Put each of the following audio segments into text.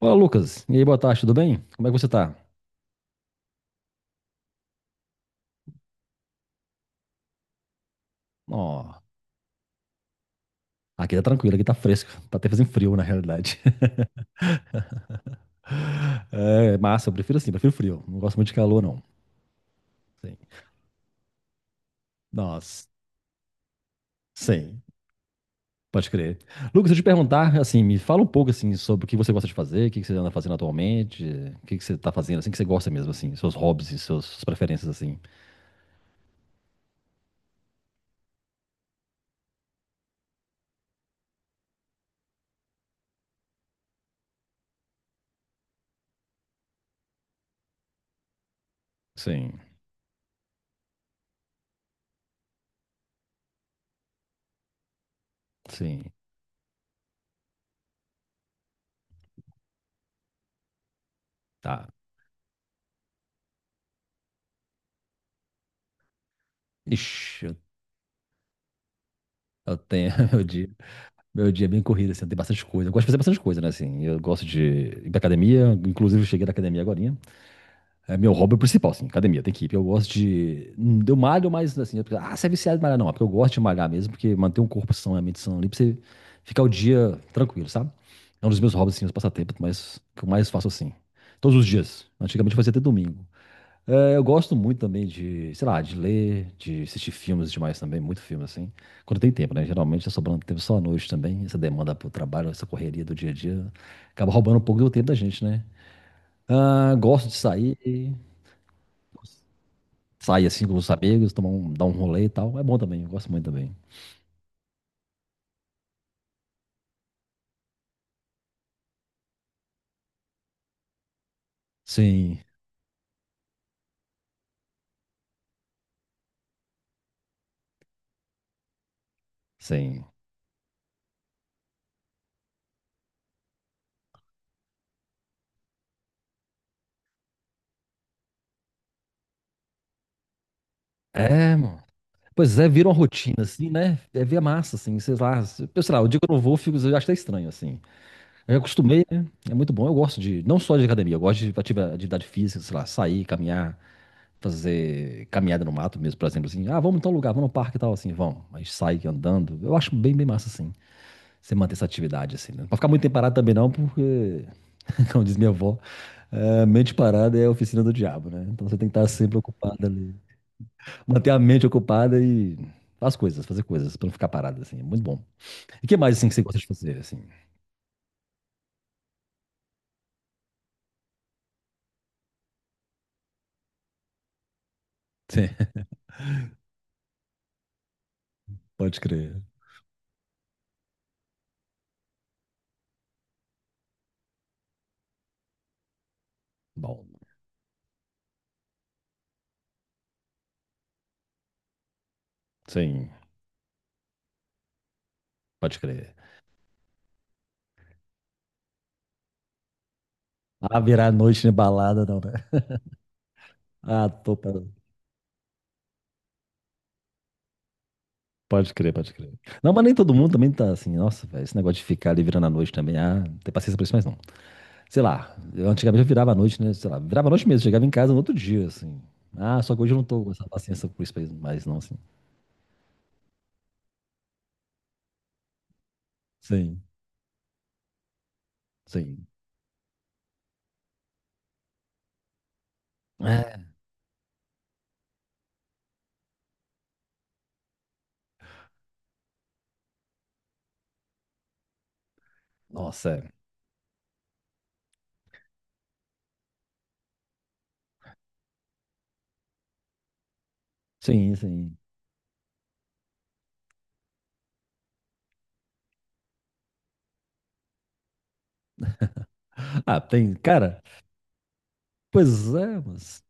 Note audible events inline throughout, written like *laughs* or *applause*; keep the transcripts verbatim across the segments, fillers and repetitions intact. Olá, Lucas. E aí, boa tarde, tudo bem? Como é que você tá? Ó, aqui tá tranquilo, aqui tá fresco. Tá até fazendo frio, na realidade. *laughs* É massa, eu prefiro assim, prefiro frio. Não gosto muito de calor, não. Sim. Nossa, sim, pode crer. Lucas, deixa eu te perguntar, assim, me fala um pouco, assim, sobre o que você gosta de fazer, o que que você anda fazendo atualmente, o que que você tá fazendo, assim, que você gosta mesmo, assim, seus hobbies e seus- suas preferências, assim. Sim, sim, tá. Ixi, eu eu tenho, *laughs* meu dia. Meu dia é bem corrido, assim, tem bastante coisa. Eu gosto de fazer bastante coisa, né, assim. Eu gosto de ir pra academia, inclusive eu cheguei da academia agorinha. É meu hobby principal, assim, academia, tem que ir. Eu gosto de, hum, eu malho, mas, assim, eu- ah, você é viciado em malhar, não. É porque eu gosto de malhar mesmo, porque manter um corpo são e a mente sã ali, pra você ficar o dia tranquilo, sabe? É um dos meus hobbies, assim, os passatempos, mas que eu mais faço, assim. Todos os dias. Antigamente eu fazia até domingo. É, eu gosto muito também de, sei lá, de ler, de assistir filmes demais também, muito filme assim. Quando tem tempo, né? Geralmente tá sobrando tempo só à noite também. Essa demanda pro trabalho, essa correria do dia a dia, acaba roubando um pouco do tempo da gente, né? Ah, gosto de sair, sair assim com os amigos, tomar um, dar um rolê e tal. É bom também, eu gosto muito também. Sim, sim. É, mano. Pois é, vira uma rotina, assim, né? É via massa, assim, sei lá. Eu sei lá, o dia que eu não vou, eu fico, eu acho até estranho, assim. Eu acostumei, né? É muito bom. Eu gosto de, não só de academia, eu gosto de ativa- atividade física, sei lá, sair, caminhar, fazer caminhada no mato mesmo, por exemplo, assim. Ah, vamos em tal lugar, vamos no parque e tal, assim, vamos. A gente sai andando. Eu acho bem, bem massa, assim, você manter essa atividade, assim, né? Pra ficar muito tempo parado também não, porque, *laughs* como diz minha avó, é, mente parada é a oficina do diabo, né? Então você tem que estar sempre ocupado ali. Manter a mente ocupada e as coisas, fazer coisas, pra não ficar parado, assim. É muito bom. E o que mais, assim, que você gosta de fazer, assim? *laughs* Sim, pode crer. Bom, sim. Pode crer. Ah, virar noite de balada, não, né? Ah, tô pra... Pode crer, pode crer. Não, mas nem todo mundo também tá assim, nossa, velho, esse negócio de ficar ali virando a noite também, ah, não tem paciência pra isso mais não. Sei lá, eu antigamente eu virava a noite, né, sei lá, virava a noite mesmo, chegava em casa no outro dia, assim. Ah, só que hoje eu não tô com essa paciência por isso mais não, assim. Sim, sim. É, nossa, é. Sim, sim. Ah, tem, cara, pois é, mas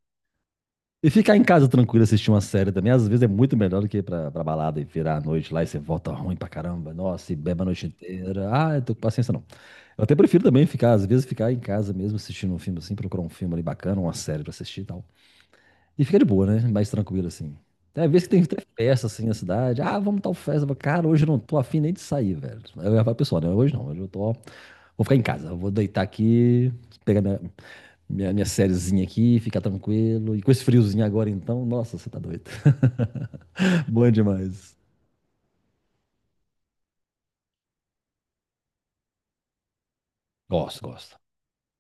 e ficar em casa tranquilo assistir uma série também, às vezes é muito melhor do que ir pra, pra balada e virar a noite lá e você volta ruim pra caramba. Nossa, e bebe a noite inteira. Ah, eu tô com paciência não. Eu até prefiro também ficar, às vezes, ficar em casa mesmo assistindo um filme assim, procurar um filme ali bacana, uma série pra assistir e tal. E fica de boa, né? Mais tranquilo assim. Tem vezes que tem até festa assim na cidade. Ah, vamos tal festa. Eu falo, cara, hoje eu não tô afim nem de sair, velho. Aí eu ia falar, pro pessoal, né? Hoje não, hoje eu tô. Vou ficar em casa, eu vou deitar aqui, pegar minha, minha, minha sériezinha aqui, ficar tranquilo. E com esse friozinho agora, então, nossa, você tá doido. *laughs* Bom demais. Gosto, gosto.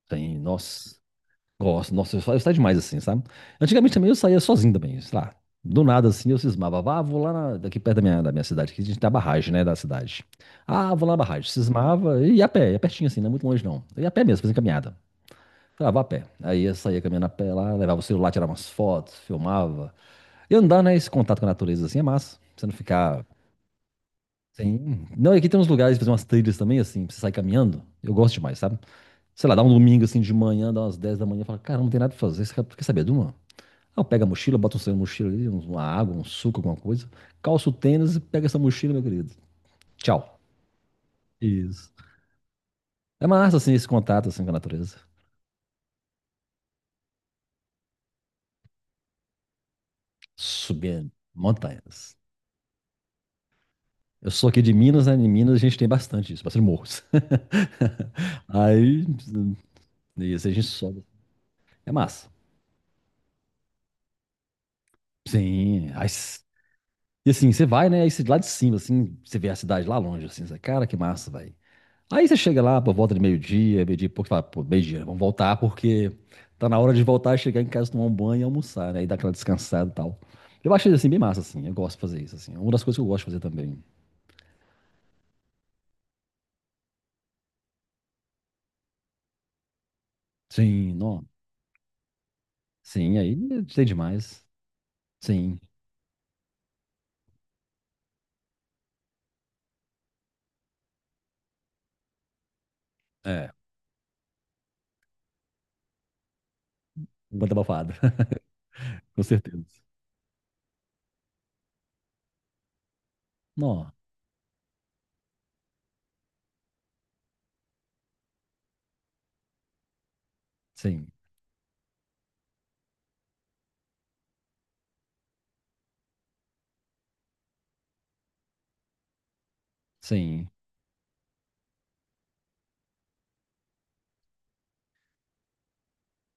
Tem, nossa, gosto. Nossa, eu, sa- eu saio demais assim, sabe? Antigamente também eu saía sozinho também, sei lá. Do nada assim eu cismava, ah, vou lá na- daqui perto da minha, da minha cidade, que a gente tem a barragem, né, da cidade. Ah, vou lá na barragem. Cismava e ia a pé, ia pertinho assim, não é muito longe não. Eu ia a pé mesmo, fazia caminhada. Ah, vá a pé. Aí eu saía caminhando a pé lá, levava o celular, tirava umas fotos, filmava. E andar, né? Esse contato com a natureza assim é massa. Você não ficar. Sim. Não, e aqui tem uns lugares, fazer umas trilhas também, assim, pra você sair caminhando. Eu gosto demais, sabe? Sei lá, dá um domingo assim de manhã, dá umas dez da manhã, fala, cara, não tem nada pra fazer. Você quer quer saber de uma? Ah, eu pego a mochila, boto um sangue na mochila ali, uns- uma água, um suco, alguma coisa, calço o tênis e pega essa mochila, meu querido. Tchau. Isso. É massa, assim, esse contato, assim, com a natureza. Subir montanhas. Eu sou aqui de Minas, né? Em Minas a gente tem bastante isso, bastante morros. *laughs* Aí, isso, a gente sobe. É massa. Sim, ai, e assim, você vai, né? Aí você, lá de cima, assim, você vê a cidade lá longe, assim, você, cara, que massa, velho. Aí você chega lá, por volta de meio-dia, meio-dia e pouco, você fala, pô, meio-dia, vamos voltar, porque tá na hora de voltar, chegar em casa, tomar um banho e almoçar, né? E dar aquela descansada e tal. Eu achei, assim, bem massa, assim, eu gosto de fazer isso, assim. É uma das coisas que eu gosto de fazer também. Sim, não. Sim, aí tem demais. Sim, é. Banda abafada, *laughs* com certeza. Não, sim, sim.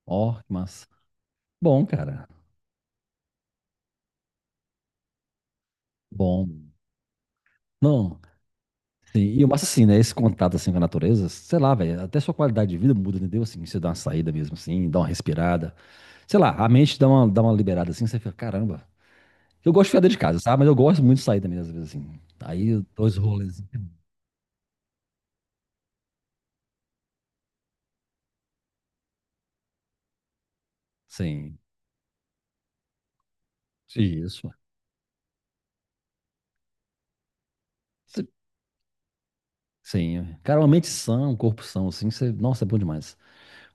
Ó, que massa. Bom, cara, bom. Não. Sim, e o massa assim, né? Esse contato assim com a natureza, sei lá, velho, até sua qualidade de vida muda, entendeu? Assim, você dá uma saída mesmo, assim, dá uma respirada. Sei lá, a mente dá uma, dá uma liberada assim, você fica, caramba. Eu gosto de ficar dentro de casa, sabe? Mas eu gosto muito de sair também, às vezes, assim. Aí eu dou os rolês. Sim, isso. Cê- Sim, cara, uma mente sã, um corpo são, assim, você, nossa, é bom demais.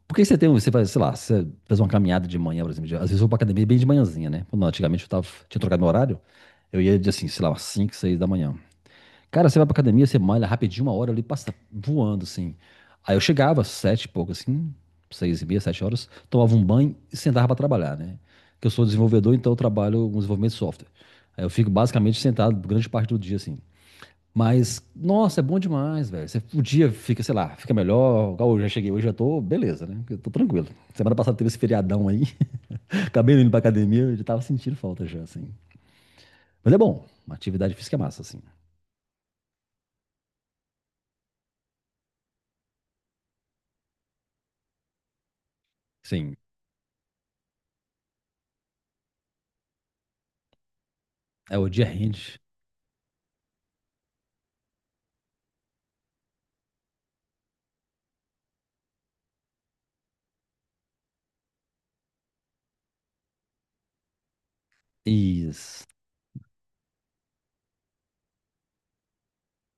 Porque você tem, você faz, sei lá, você faz uma caminhada de manhã, por exemplo, de- às vezes eu vou pra academia bem de manhãzinha, né? Quando Antigamente eu tava, tinha trocado meu horário, eu ia de, assim, sei lá, umas cinco, seis da manhã. Cara, você vai pra academia, você malha rapidinho, uma hora ali, passa voando, assim. Aí eu chegava, sete e pouco, assim, seis e meia, sete horas, tomava um banho e sentava pra trabalhar, né? Que eu sou desenvolvedor, então eu trabalho com desenvolvimento de software. Aí eu fico basicamente sentado grande parte do dia, assim. Mas, nossa, é bom demais, velho. Você, o dia fica, sei lá, fica melhor. Igual eu já cheguei hoje, já tô, beleza, né? Eu tô tranquilo. Semana passada teve esse feriadão aí, *laughs* acabei indo pra academia, eu já tava sentindo falta já, assim. Mas é bom, uma atividade física é massa, assim. Sim, é o dia rende. Isso.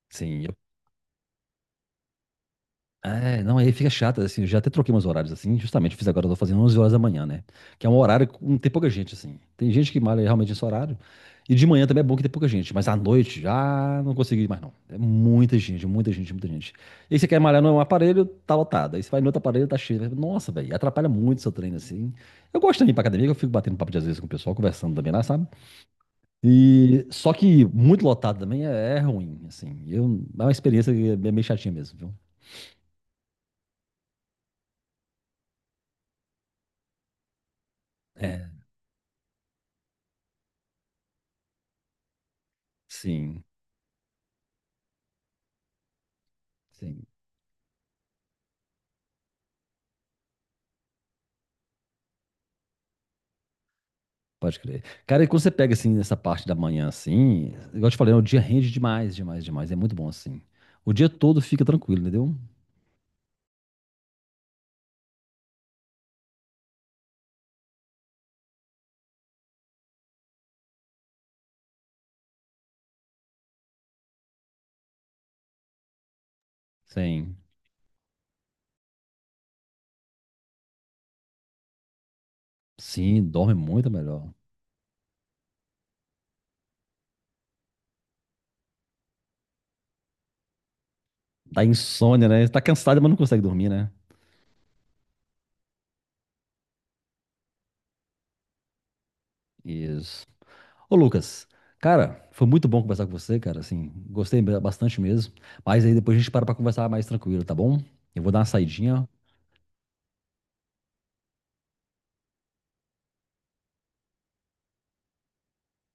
Sim. eu- É, não, aí fica chato, assim, eu já até troquei meus horários, assim, justamente, fiz agora, eu tô fazendo onze horas da manhã, né? Que é um horário que não tem pouca gente, assim. Tem gente que malha realmente nesse horário, e de manhã também é bom que tem pouca gente, mas à noite já não consegui mais, não. É muita gente, muita gente, muita gente. E aí você quer malhar num aparelho, tá lotado. Aí você vai no outro aparelho, tá cheio. Nossa, velho, atrapalha muito seu treino, assim. Eu gosto também ir pra academia, que eu fico batendo papo de às vezes com o pessoal, conversando também lá, sabe? E só que muito lotado também é, é, ruim, assim. Eu, é uma experiência que é meio chatinha mesmo, viu? É, sim, sim, pode crer. Cara, e quando você pega assim nessa parte da manhã assim, igual eu te falei, né, o dia rende demais, demais, demais. É muito bom assim. O dia todo fica tranquilo, entendeu? Sim. Sim, dorme muito é melhor. Dá insônia, né? Você tá cansado, mas não consegue dormir, né? Isso. Ô Lucas, cara, foi muito bom conversar com você, cara, assim, gostei ba- bastante mesmo, mas aí depois a gente para pra conversar mais tranquilo, tá bom? Eu vou dar uma saidinha,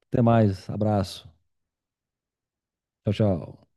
até mais, abraço, tchau, tchau.